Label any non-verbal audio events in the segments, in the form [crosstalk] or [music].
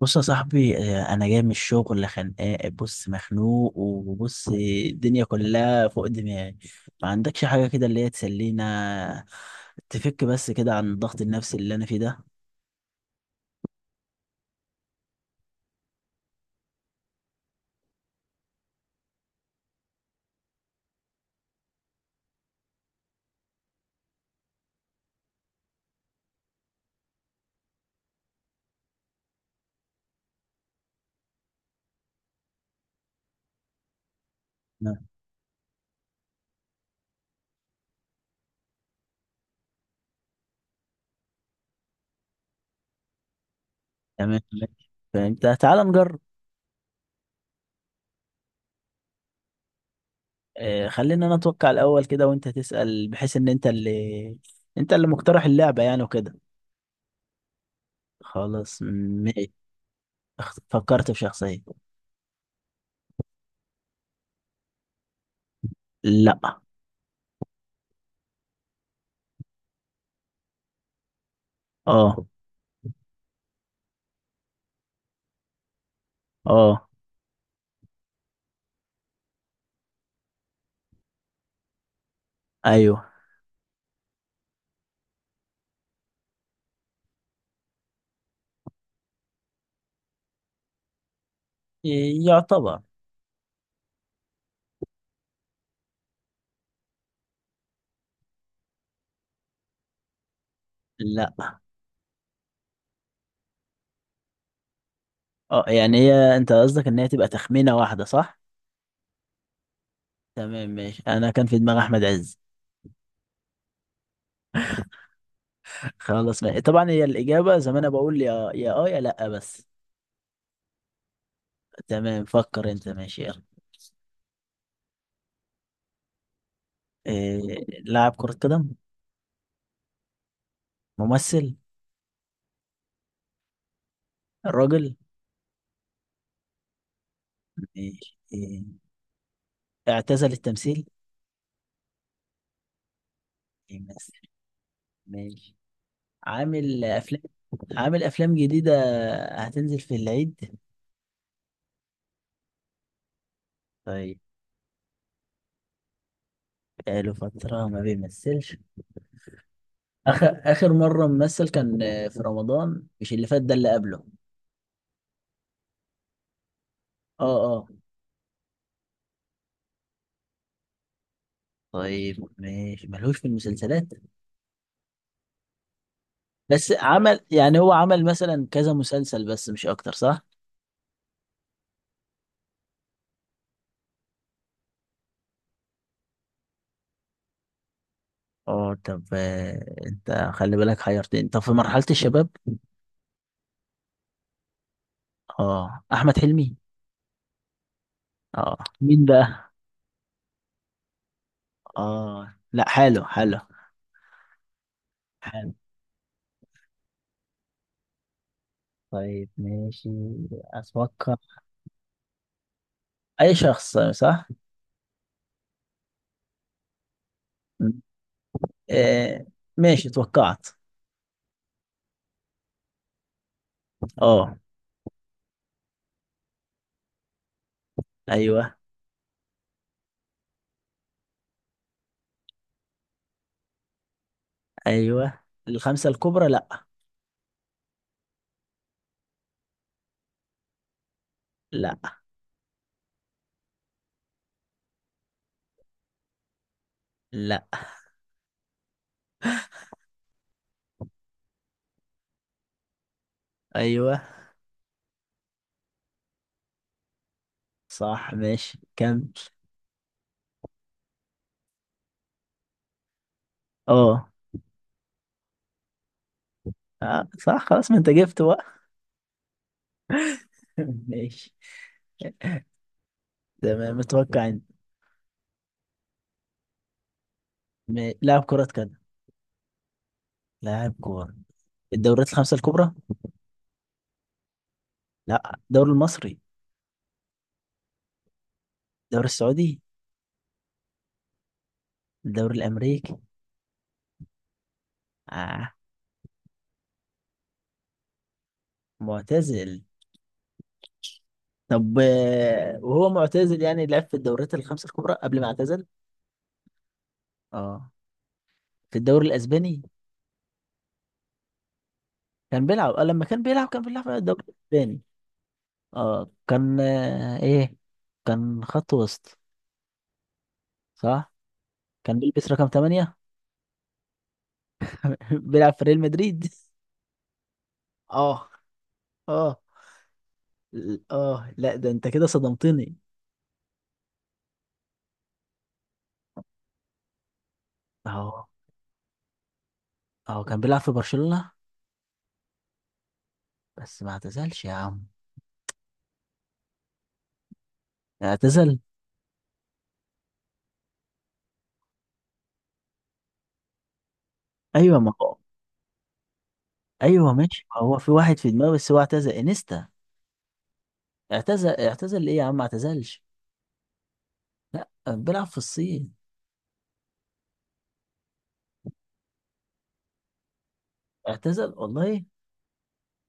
بص يا صاحبي انا جاي من الشغل خانقان. بص مخنوق وبص الدنيا كلها فوق دماغي. ما عندكش حاجه كده اللي هي تسلينا؟ تفك بس كده عن الضغط النفسي اللي انا فيه ده. نعم. تمام ماشي. فانت تعال نجرب. خلينا انا اتوقع الاول كده وانت تسال بحيث ان انت اللي مقترح اللعبه يعني وكده. خلاص ماشي. فكرت في شخصيه. لا. اه اه ايوه. إيه، يعتبر. لا. اه، يعني هي انت قصدك ان هي تبقى تخمينة واحدة صح؟ تمام ماشي. انا كان في دماغي احمد عز. خلاص ماشي. طبعا هي الاجابة زي ما انا بقول يا يا اه يا لا بس. تمام، فكر انت، ماشي يلا. إيه. لاعب كرة قدم. ممثل. راجل. ماشي إيه. اعتزل التمثيل. يمثل. ماشي. عامل افلام. عامل افلام جديدة. هتنزل في العيد. طيب. بقاله فترة ما بيمثلش. اخر اخر مره ممثل كان في رمضان، مش اللي فات ده اللي قبله. اه اه. طيب ماشي، ملهوش في المسلسلات. بس عمل يعني، هو عمل مثلا كذا مسلسل بس مش اكتر صح؟ اه، طب انت خلي بالك، حيرتني. طب في مرحله الشباب. اه، احمد حلمي. اه، مين بقى. اه لا، حلو حلو حلو. طيب ماشي. اتوقع. اي شخص صح. م. آه. ماشي توقعت. اه. ايوه. ايوه. الخمسة الكبرى لا. لا لا. ايوه. صح ماشي، كمل. اه صح، خلاص ما انت جبت بقى. [laughs] ماشي. تمام، متوقع انت. لاعب كرة قدم. لاعب كورة. الدوريات الخمسة الكبرى. لا، الدوري المصري. الدوري السعودي. الدوري الأمريكي. آه. معتزل. طب وهو معتزل يعني لعب في الدوريات الخمسة الكبرى قبل ما اعتزل. اه، في الدوري الأسباني. كان بيلعب لما كان بيلعب كان بيلعب في الدوري الأسباني. اه كان ايه. كان خط وسط. صح. كان بيلبس رقم 8. [laughs] بيلعب في ريال مدريد. اه اه. اه لا، ده انت كده صدمتني. اهو. اهو كان بيلعب في برشلونة. بس ما اعتزلش يا عم. اعتزل. ايوه ما هو. ايوه ماشي، ما هو في واحد في دماغي بس هو اعتزل انيستا. اعتزل اعتزل، ايه يا عم ما اعتزلش. لا، بيلعب في الصين. اعتزل والله.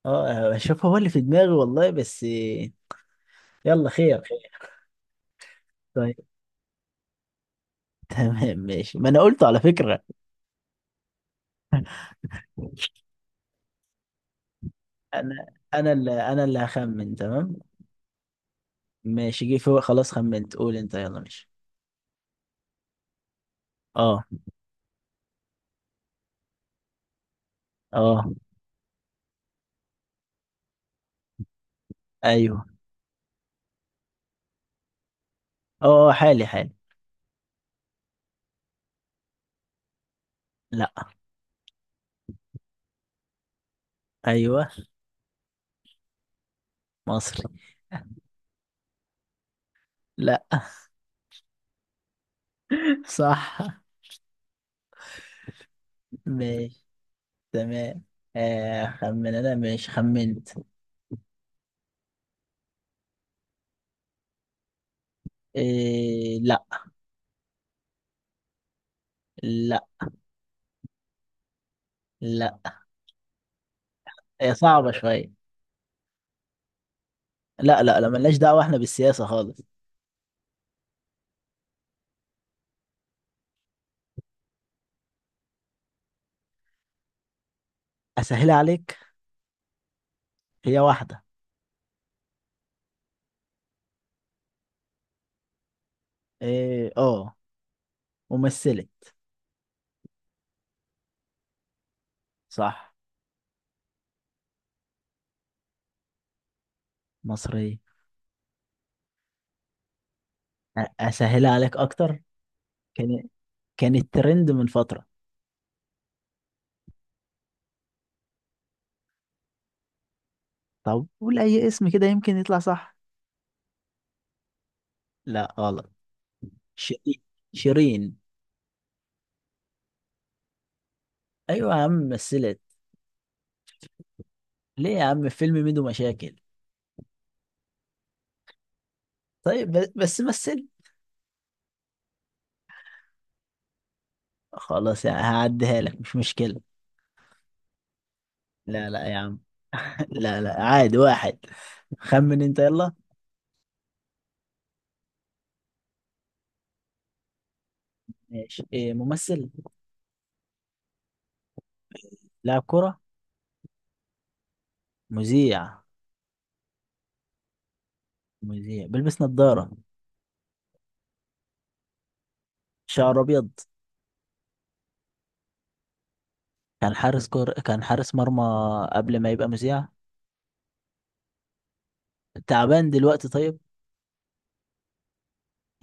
اه شوف، هو اللي في دماغي والله بس. يلا، خير خير. طيب. [laughs] تمام ماشي، ما انا قلت على فكرة. انا انا اللي هخمن. تمام ماشي، جه فوق خلاص خمنت. قول انت، يلا ماشي. اه. اه ايوه. اه حالي حالي. لا. ايوه. مصري. لا. صح ماشي. تمام. خمن انا، ماشي خمنت. إيه. لا. لا لا. هي صعبة شوية. لا لا لا، ملناش دعوة احنا بالسياسة خالص. اسهلها عليك. هي واحدة. إيه اه. ممثلة. صح. مصرية. أسهلها عليك أكتر. كان. كان الترند من فترة. طب قول أي اسم كده، يمكن يطلع صح. لا غلط. شيرين. شيرين. أيوة يا عم مثلت. ليه يا عم، في فيلم ميدو مشاكل. طيب بس مثل. خلاص هعديها لك، مش مشكلة. لا لا يا عم. [laughs] لا لا، عادي واحد. خمن أنت يلا. ماشي. إيه، ممثل. لاعب كرة. مذيع. مذيع بيلبس نظارة. شعر أبيض. كان حارس مرمى قبل ما يبقى مذيع. تعبان دلوقتي طيب.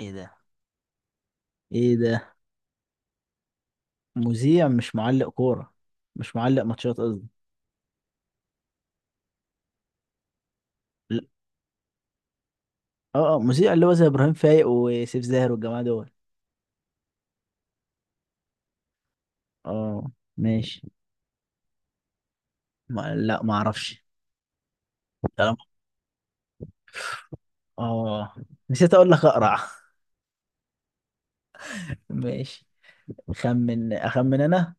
ايه ده. ايه ده. مذيع مش معلق كورة. مش معلق ماتشات قصدي. لا، اه اه، مذيع اللي هو زي ابراهيم فايق وسيف زاهر والجماعة دول. اه. ماشي. ما لا، ما اعرفش. كلام. اه. نسيت اقول لك، اقرع. [laughs] ماشي. اخمن انا.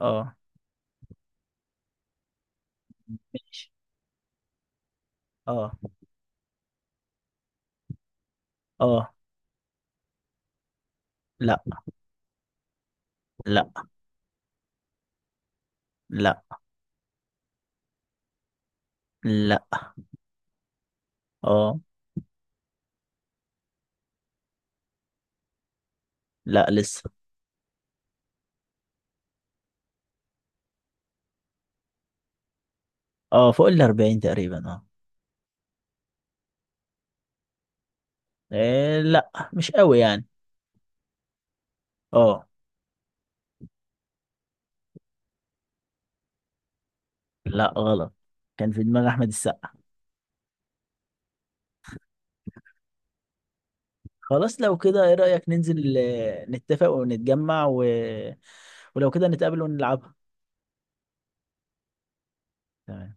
اه. ماشي. اه. اه. لا. لا. لا. لا. اه. لا لسه. اه فوق ال 40 تقريبا اه. إيه لا، مش قوي يعني. اه. لا غلط. كان في دماغ احمد السقا. خلاص لو كده، ايه رأيك ننزل، نتفق ونتجمع و... ولو كده نتقابل ونلعبها. تمام.